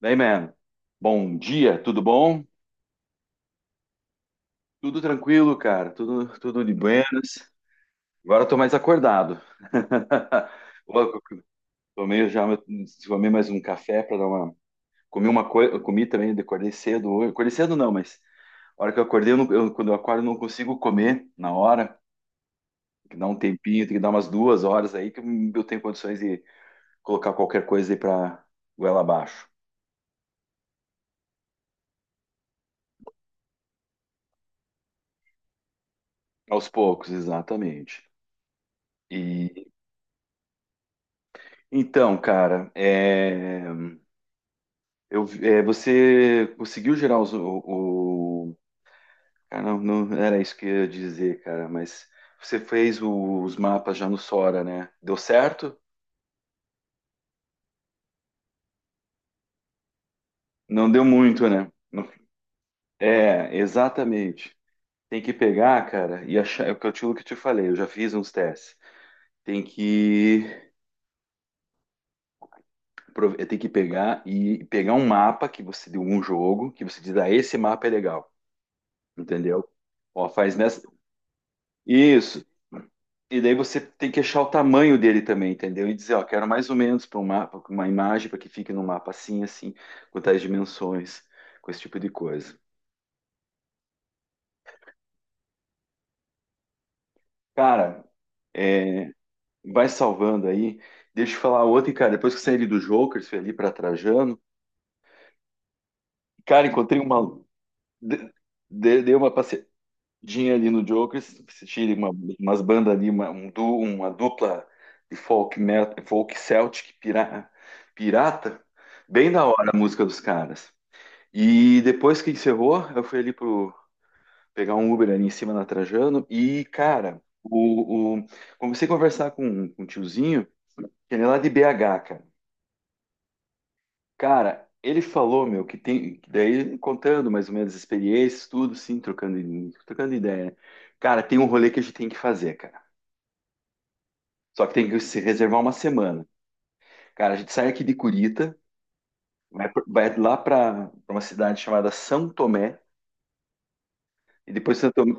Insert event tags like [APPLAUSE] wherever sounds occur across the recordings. Daí, man. Bom dia, tudo bom? Tudo tranquilo, cara. Tudo de buenas. Agora eu tô mais acordado. [LAUGHS] Louco. Tomei já, tomei mais um café para dar uma. Comi uma coisa, comi também, acordei cedo hoje. Acordei cedo não, mas a hora que eu acordei, eu não- eu- quando eu acordo, eu não consigo comer na hora. Tem que dar um tempinho, tem que dar umas 2 horas aí que eu tenho condições de colocar qualquer coisa aí para goela abaixo. Aos poucos, exatamente. E então, cara, é. Você conseguiu gerar o- cara, não, não era isso que eu ia dizer, cara, mas você fez os mapas já no Sora, né? Deu certo? Não deu muito, né? É, exatamente. Tem que pegar, cara, e achar. É o que eu te, o que eu te falei, eu já fiz uns testes. Tem que, tem que pegar e pegar um mapa que você deu um jogo, que você diz, ah, esse mapa é legal, entendeu? Ó, faz nessa. Isso. E daí você tem que achar o tamanho dele também, entendeu? E dizer, ó, quero mais ou menos para um mapa, pra uma imagem para que fique num mapa assim, com tais dimensões, com esse tipo de coisa. Cara, é, vai salvando aí. Deixa eu falar outra, e, cara, depois que eu saí ali do Jokers, fui ali para Trajano. Cara, encontrei uma. de- Dei uma passeadinha ali no Jokers, assisti uma, umas bandas ali, uma, uma dupla de folk metal, pirata. Bem da hora a música dos caras. E depois que encerrou, eu fui ali pro pegar um Uber ali em cima na Trajano e, cara, comecei a conversar com, um tiozinho, que ele é lá de BH, cara. Cara, ele falou, meu, que tem, que daí contando mais ou menos as experiências, tudo, sim, trocando, trocando ideia, né? Cara, tem um rolê que a gente tem que fazer, cara. Só que tem que se reservar uma semana. Cara, a gente sai aqui de Curitiba, vai lá pra uma cidade chamada São Tomé, e depois São Tomé.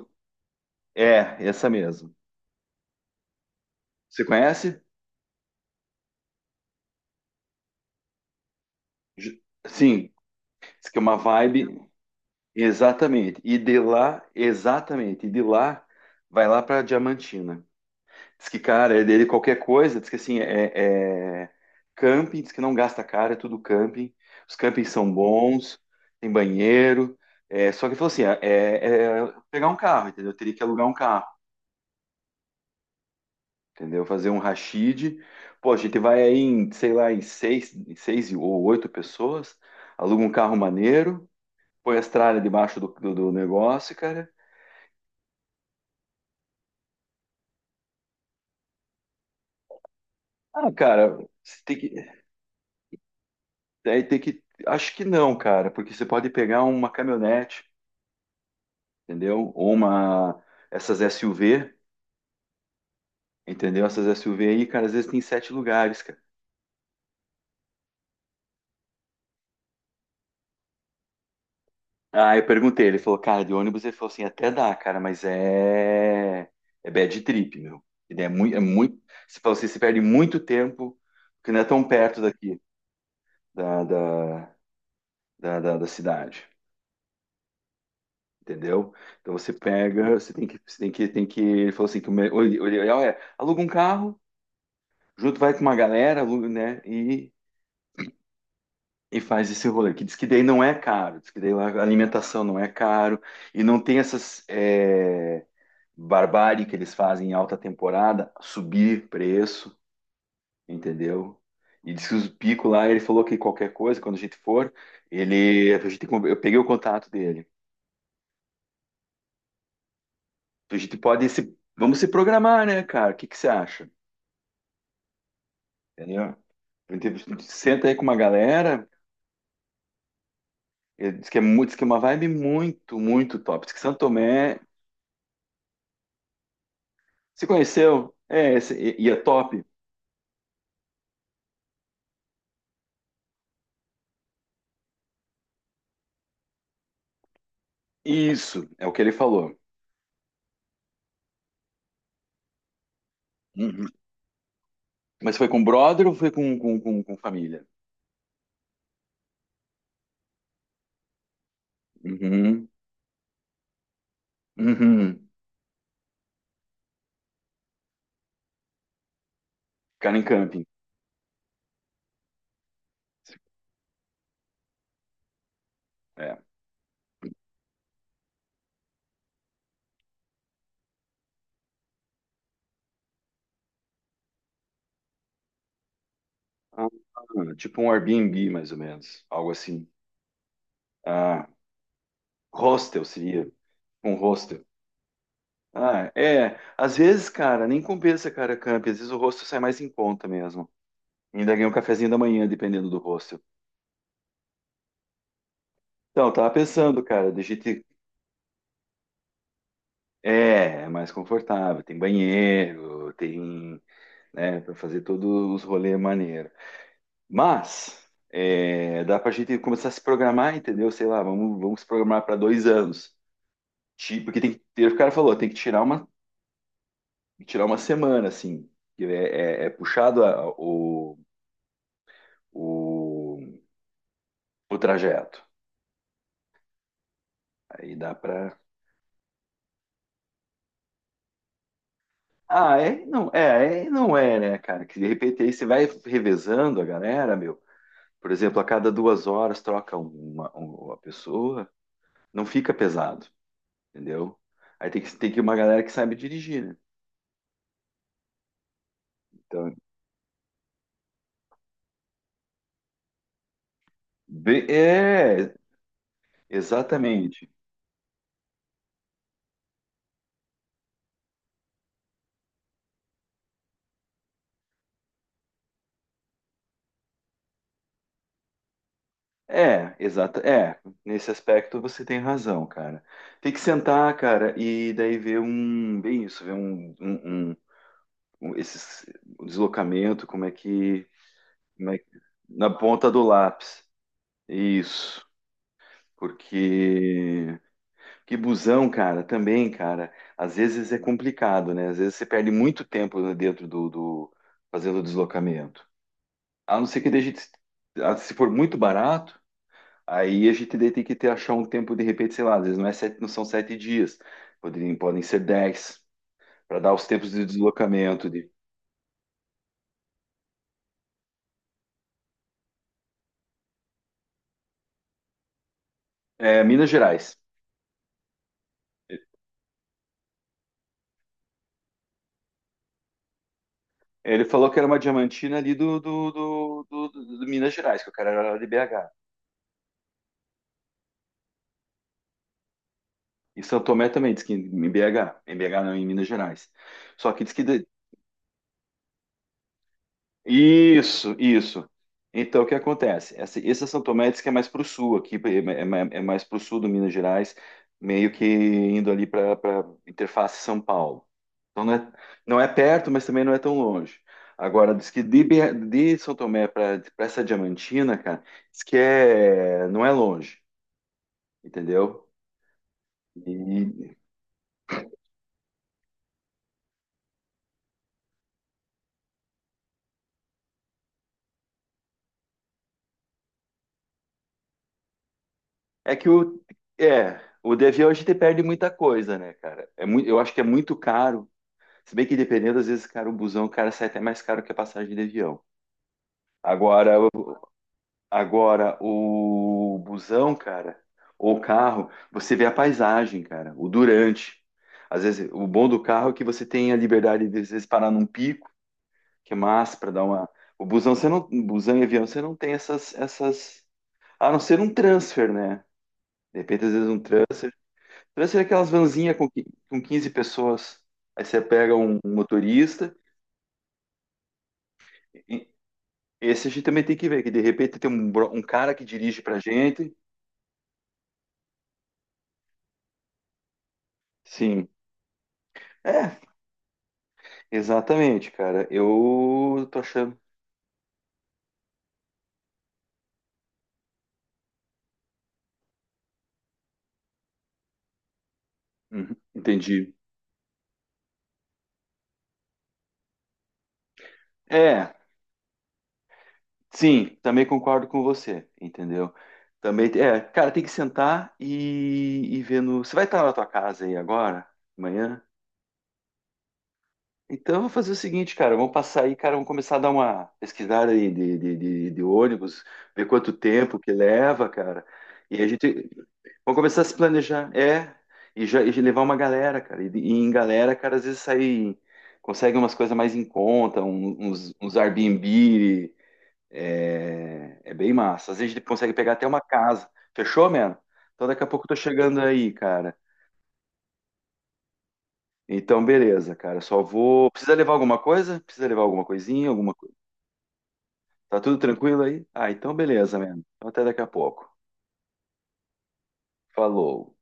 É, essa mesmo. Você conhece? Ju- Sim, diz que é uma vibe, exatamente. E de lá, exatamente, e de lá, vai lá para Diamantina. Diz que, cara, é dele qualquer coisa, diz que assim, é camping, diz que não gasta caro, é tudo camping. Os campings são bons, tem banheiro. É, só que ele falou assim, é pegar um carro, entendeu? Eu teria que alugar um carro, entendeu? Fazer um rachide. Pô, a gente vai aí em, sei lá, em seis ou oito pessoas, aluga um carro maneiro. Põe as tralhas debaixo do negócio, cara. Ah, cara, você tem que. Aí tem que. Acho que não, cara, porque você pode pegar uma caminhonete, entendeu? Ou uma. Essas SUV, entendeu? Essas SUV aí, cara, às vezes tem sete lugares, cara. Ah, eu perguntei, ele falou, cara, de ônibus, ele falou assim, até dá, cara, mas é. É bad trip, meu. E daí é muito. É muito. Você falou assim, você perde muito tempo, porque não é tão perto daqui, da, da, da cidade. Entendeu? Então você pega, você tem que, ele falou assim, que o ideal é, aluga um carro, junto vai com uma galera, aluga, né, e faz esse rolê, que diz que daí não é caro, diz que daí lá a alimentação não é caro, e não tem essas é, barbárie que eles fazem em alta temporada, subir preço, entendeu? E diz que os picos lá, ele falou que qualquer coisa, quando a gente for, ele, a gente, eu peguei o contato dele, a gente pode se, vamos se programar, né, cara, o que que você acha? Entendeu? Senta aí com uma galera, ele diz que é muito, diz que é uma vibe muito top. Diz que Santo Tomé, se conheceu? E é top. Isso, é o que ele falou. Uhum. Mas foi com brother ou foi com, com família? Uhum. Uhum. Ficaram em camping. É. Ah, tipo um Airbnb, mais ou menos. Algo assim. Ah, hostel seria. Um hostel. Ah, é. Às vezes, cara, nem compensa, cara, camping. Às vezes o hostel sai mais em conta mesmo. Ainda ganha um cafezinho da manhã, dependendo do hostel. Então, eu tava pensando, cara, da gente. É, é mais confortável, tem banheiro, tem, né, pra fazer todos os rolês maneiro. Mas, é, dá pra gente começar a se programar, entendeu? Sei lá, vamos se programar para 2 anos. Porque tem que ter, o cara falou, tem que tirar uma semana, assim. Que é, é puxado o, o trajeto. Aí dá pra. Ah, é, não é, né, cara? Que de repente aí você vai revezando a galera, meu. Por exemplo, a cada 2 horas troca uma pessoa, não fica pesado, entendeu? Aí tem que uma galera que sabe dirigir, né? Então, é, exatamente. É, é, nesse aspecto você tem razão, cara. Tem que sentar, cara, e daí ver um, bem isso, ver um, um- esses, o deslocamento, como é que, na ponta do lápis. Isso, porque que busão, cara, também, cara, às vezes é complicado, né? Às vezes você perde muito tempo né, dentro do fazendo o deslocamento. A não ser que deixe, ah, se for muito barato, aí a gente daí tem que ter achar um tempo de repente, sei lá, às vezes não é sete, não são 7 dias, poderiam, podem ser 10, para dar os tempos de deslocamento de é, Minas Gerais. Ele falou que era uma diamantina ali do Minas Gerais, que o cara era lá de BH. Em São Tomé também, diz que em BH. Em BH não, em Minas Gerais. Só que diz que. Isso, isso. Então, o que acontece? Essa, esse São Tomé diz que é mais para o sul, aqui é, é mais para o sul do Minas Gerais, meio que indo ali para interface São Paulo. Então, não é, não é perto, mas também não é tão longe. Agora, diz que de, BH de São Tomé para essa Diamantina, cara, diz que é, não é longe, entendeu? E é que o, é, o DV hoje te perde muita coisa, né, cara? É muito, eu acho que é muito caro. Se bem que dependendo, às vezes, cara, o busão, o cara, sai até mais caro que a passagem de avião. Agora, agora o busão, cara, ou o carro, você vê a paisagem, cara, o durante. Às vezes, o bom do carro é que você tem a liberdade de, às vezes, parar num pico, que é massa para dar uma. O busão, você não, busão e avião, você não tem essas. A não ser um transfer, né? De repente, às vezes, um transfer deve ser aquelas vanzinhas com, com 15 pessoas. Aí você pega um motorista. e- Esse a gente também tem que ver, que de repente tem um, um cara que dirige pra gente. Sim. É, exatamente, cara. Eu tô achando. Uhum, entendi. É, sim, também concordo com você, entendeu? Também, é, cara, tem que sentar e ver no. Você vai estar na tua casa aí agora? Amanhã? Então, eu vou fazer o seguinte, cara, vamos passar aí, cara, vamos começar a dar uma pesquisada aí de ônibus, ver quanto tempo que leva, cara. E a gente vamos começar a se planejar, é, e já e levar uma galera, cara. E em galera, cara, às vezes sai, consegue umas coisas mais em conta, uns Airbnb, é, é bem massa. Às vezes a gente consegue pegar até uma casa. Fechou, mano? Então daqui a pouco eu tô chegando aí, cara. Então, beleza, cara. Só vou. Precisa levar alguma coisa? Precisa levar alguma coisinha? Alguma. Tá tudo tranquilo aí? Ah, então beleza, mesmo. Então até daqui a pouco. Falou.